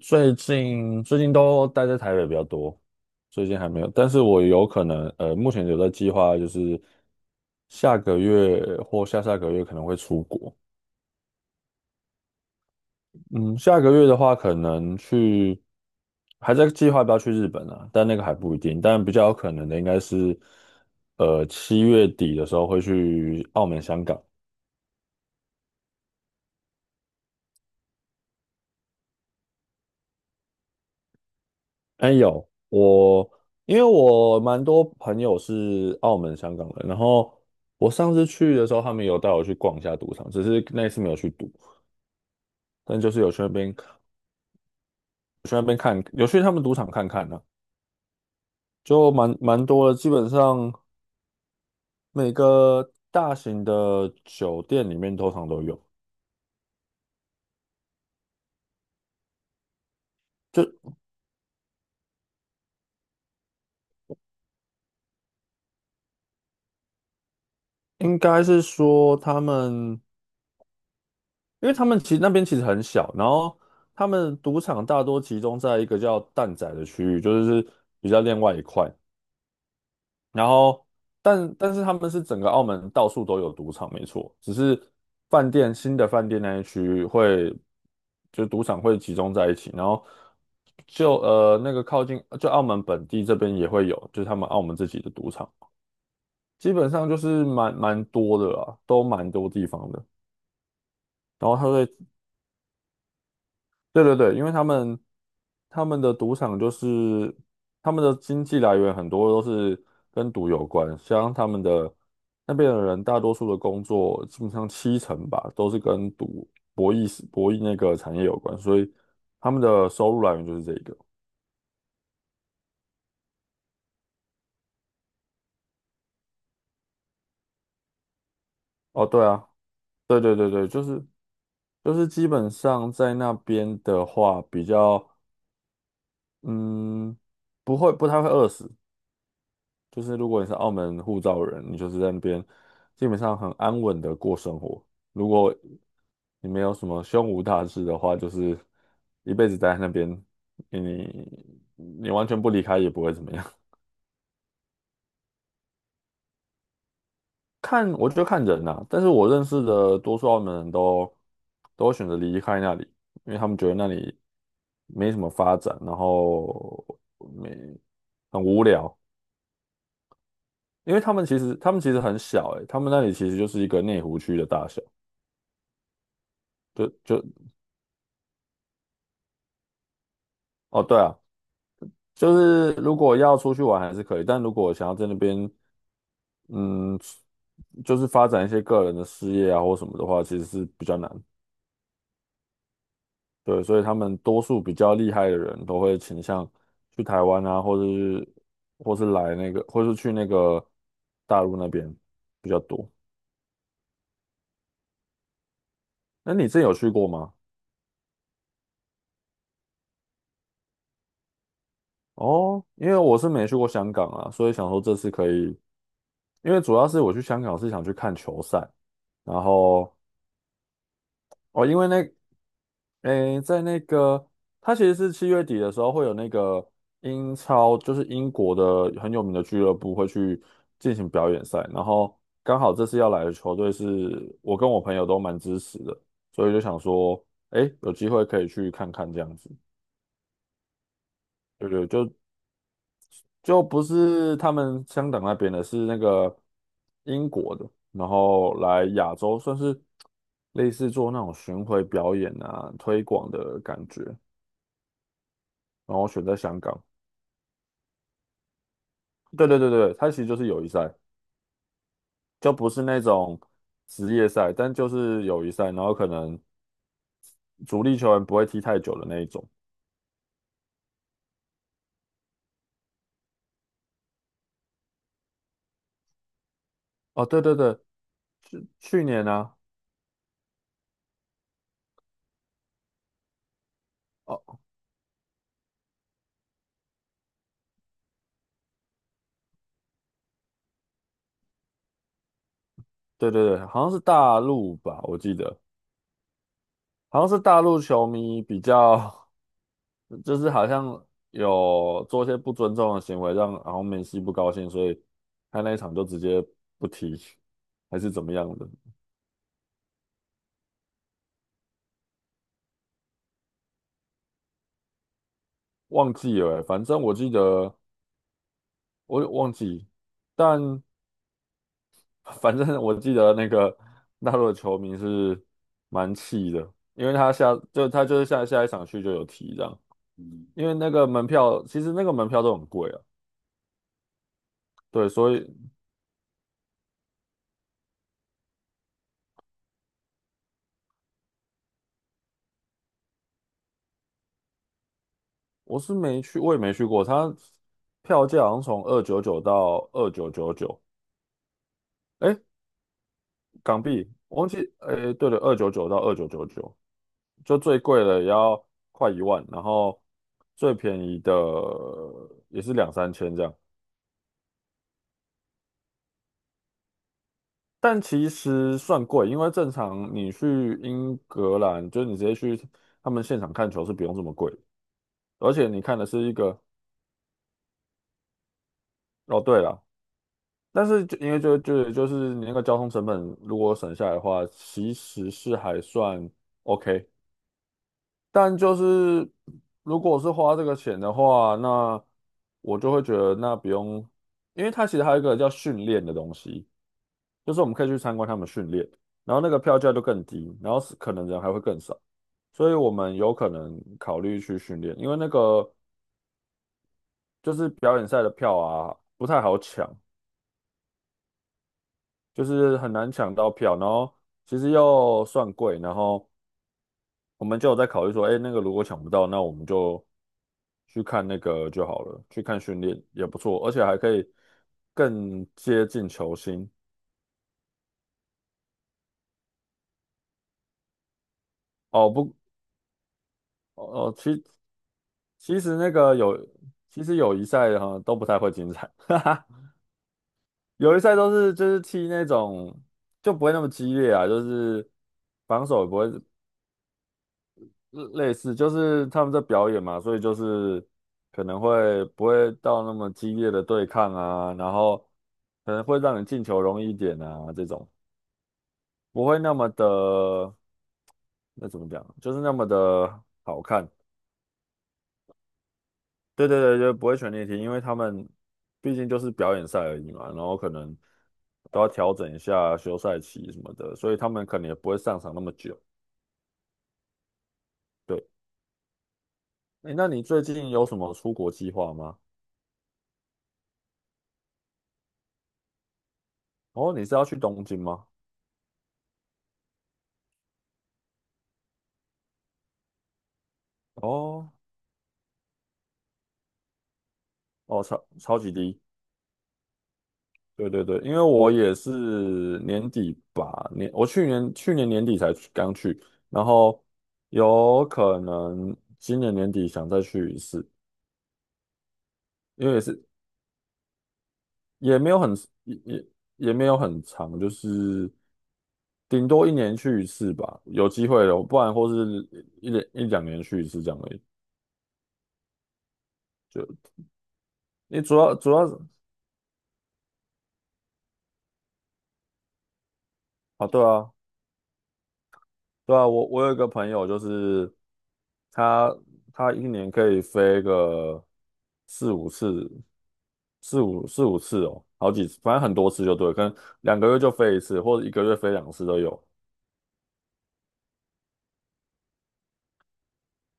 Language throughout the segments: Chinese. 最近都待在台北比较多。最近还没有，但是我有可能，目前有在计划，就是下个月或下下个月可能会出国。嗯，下个月的话，可能去，还在计划要不要去日本啊，但那个还不一定。但比较有可能的应该是，七月底的时候会去澳门、香港。哎，有我，因为我蛮多朋友是澳门、香港人，然后我上次去的时候，他们有带我去逛一下赌场，只是那一次没有去赌，但就是有去那边，有去那边看，有去他们赌场看看呢、就蛮多的，基本上每个大型的酒店里面通常都有，就应该是说他们，因为他们其实那边其实很小，然后他们赌场大多集中在一个叫蛋仔的区域，就是比较另外一块。然后，但是他们是整个澳门到处都有赌场，没错，只是新的饭店那一区会，就赌场会集中在一起，然后就那个靠近，就澳门本地这边也会有，就是他们澳门自己的赌场，基本上就是蛮多的啦，都蛮多地方的，然后他会。对对对，因为他们他们的赌场就是他们的经济来源很多都是跟赌有关，像他们的那边的人，大多数的工作基本上七成吧都是跟赌、博弈，是博弈那个产业有关，所以他们的收入来源就是这个。哦，对啊，对对对对，就是基本上在那边的话，比较嗯不会，不太会饿死，就是如果你是澳门护照人，你就是在那边基本上很安稳的过生活。如果你没有什么胸无大志的话，就是一辈子待在那边，你完全不离开也不会怎么样。看，我觉得看人呐、但是我认识的多数澳门人都会选择离开那里，因为他们觉得那里没什么发展，然后没很无聊。因为他们其实很小、欸，他们那里其实就是一个内湖区的大小。就就哦，对啊，就是如果要出去玩还是可以，但如果想要在那边，嗯，就是发展一些个人的事业啊或什么的话，其实是比较难。对，所以他们多数比较厉害的人都会倾向去台湾啊，或者是或是去那个大陆那边比较多。那你之前有去过吗？哦，因为我是没去过香港啊，所以想说这次可以，因为主要是我去香港是想去看球赛。然后哦，因为那，诶，在那个，他其实是七月底的时候会有那个英超，就是英国的很有名的俱乐部会去进行表演赛，然后刚好这次要来的球队是我跟我朋友都蛮支持的，所以就想说，诶，有机会可以去看看这样子。对对，就不是他们香港那边的，是那个英国的，然后来亚洲算是类似做那种巡回表演啊、推广的感觉。然后选在香港。对对对对，它其实就是友谊赛，就不是那种职业赛，但就是友谊赛，然后可能主力球员不会踢太久的那一种。哦，对对对，去年啊，哦，对对对，好像是大陆吧，我记得好像是大陆球迷比较，就是好像有做一些不尊重的行为，然后梅西不高兴，所以他那一场就直接不踢，还是怎么样的，忘记了欸，反正我记得。我有忘记，但反正我记得那个大陆的球迷是蛮气的，因为就他就是下下一场去就有提这样，因为那个门票，其实那个门票都很贵啊，对，所以我也没去过。他票价好像从二九九到二九九九，哎，港币，我忘记，哎，对了，二九九到二九九九，就最贵的也要快1万，然后最便宜的也是两三千这样。但其实算贵，因为正常你去英格兰，就是你直接去他们现场看球是不用这么贵的，而且你看的是一个。哦，对了，但是就因为就是你那个交通成本如果省下来的话，其实是还算 OK，但就是如果是花这个钱的话，那我就会觉得那不用，因为它其实还有一个叫训练的东西。就是我们可以去参观他们训练，然后那个票价就更低，然后是可能人还会更少，所以我们有可能考虑去训练，因为那个就是表演赛的票啊不太好抢，就是很难抢到票，然后其实又算贵，然后我们就有在考虑说，哎，那个如果抢不到，那我们就去看那个就好了，去看训练也不错，而且还可以更接近球星。哦不，哦，哦其实那个有，其实友谊赛哈都不太会精彩，哈哈，友谊赛都是就是踢那种就不会那么激烈啊，就是防守也不会类似，就是他们在表演嘛，所以就是可能会不会到那么激烈的对抗啊，然后可能会让你进球容易一点啊，这种不会那么的，那怎么讲，就是那么的好看。对对对，就不会选练题，因为他们毕竟就是表演赛而已嘛，然后可能都要调整一下休赛期什么的，所以他们可能也不会上场那么久。对，诶，那你最近有什么出国计划吗？哦，你是要去东京吗？哦哦，超级低。对对对，因为我也是年底吧，我去年年底刚去，然后有可能今年年底想再去一次。因为也没有很也也也没有很长，就是顶多一年去一次吧，有机会的，不然或是一两年去一次这样而已。就你主要是。啊，对啊，对啊，我有一个朋友，就是他他一年可以飞个四五次，四五次哦，好几次，反正很多次就对，可能2个月就飞一次，或者1个月飞2次都有。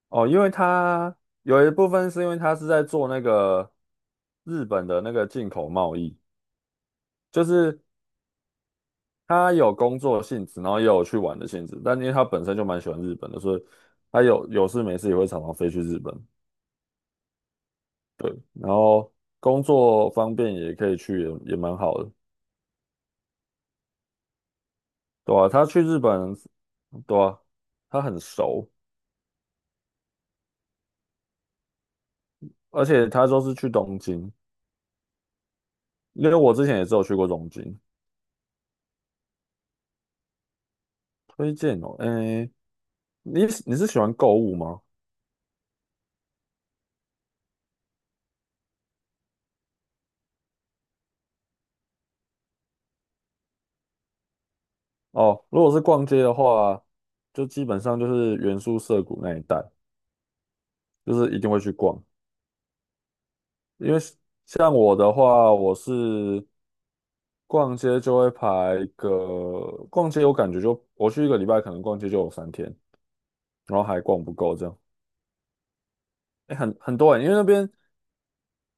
哦，因为他有一部分是因为他是在做那个日本的那个进口贸易，就是他有工作性质，然后也有去玩的性质。但因为他本身就蛮喜欢日本的，所以他有事没事也会常常飞去日本，然后工作方便也可以去也蛮好的，对啊，他去日本，对啊，他很熟，而且他都是去东京，因为我之前也只有去过东京。推荐哦，诶，你是喜欢购物吗？哦，如果是逛街的话，就基本上就是原宿涩谷那一带，就是一定会去逛。因为像我的话，我是逛街就会排个，逛街我感觉就我去1个礼拜，可能逛街就有3天，然后还逛不够这样。哎，很多人，因为那边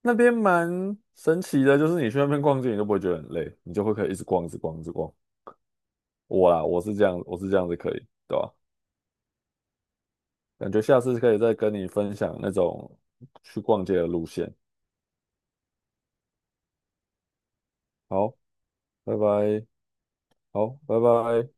那边蛮神奇的，就是你去那边逛街，你都不会觉得很累，你就会可以一直逛，一直逛，一直逛。我啦，我是这样子可以，对吧？感觉下次可以再跟你分享那种去逛街的路线。好，拜拜。好，拜拜。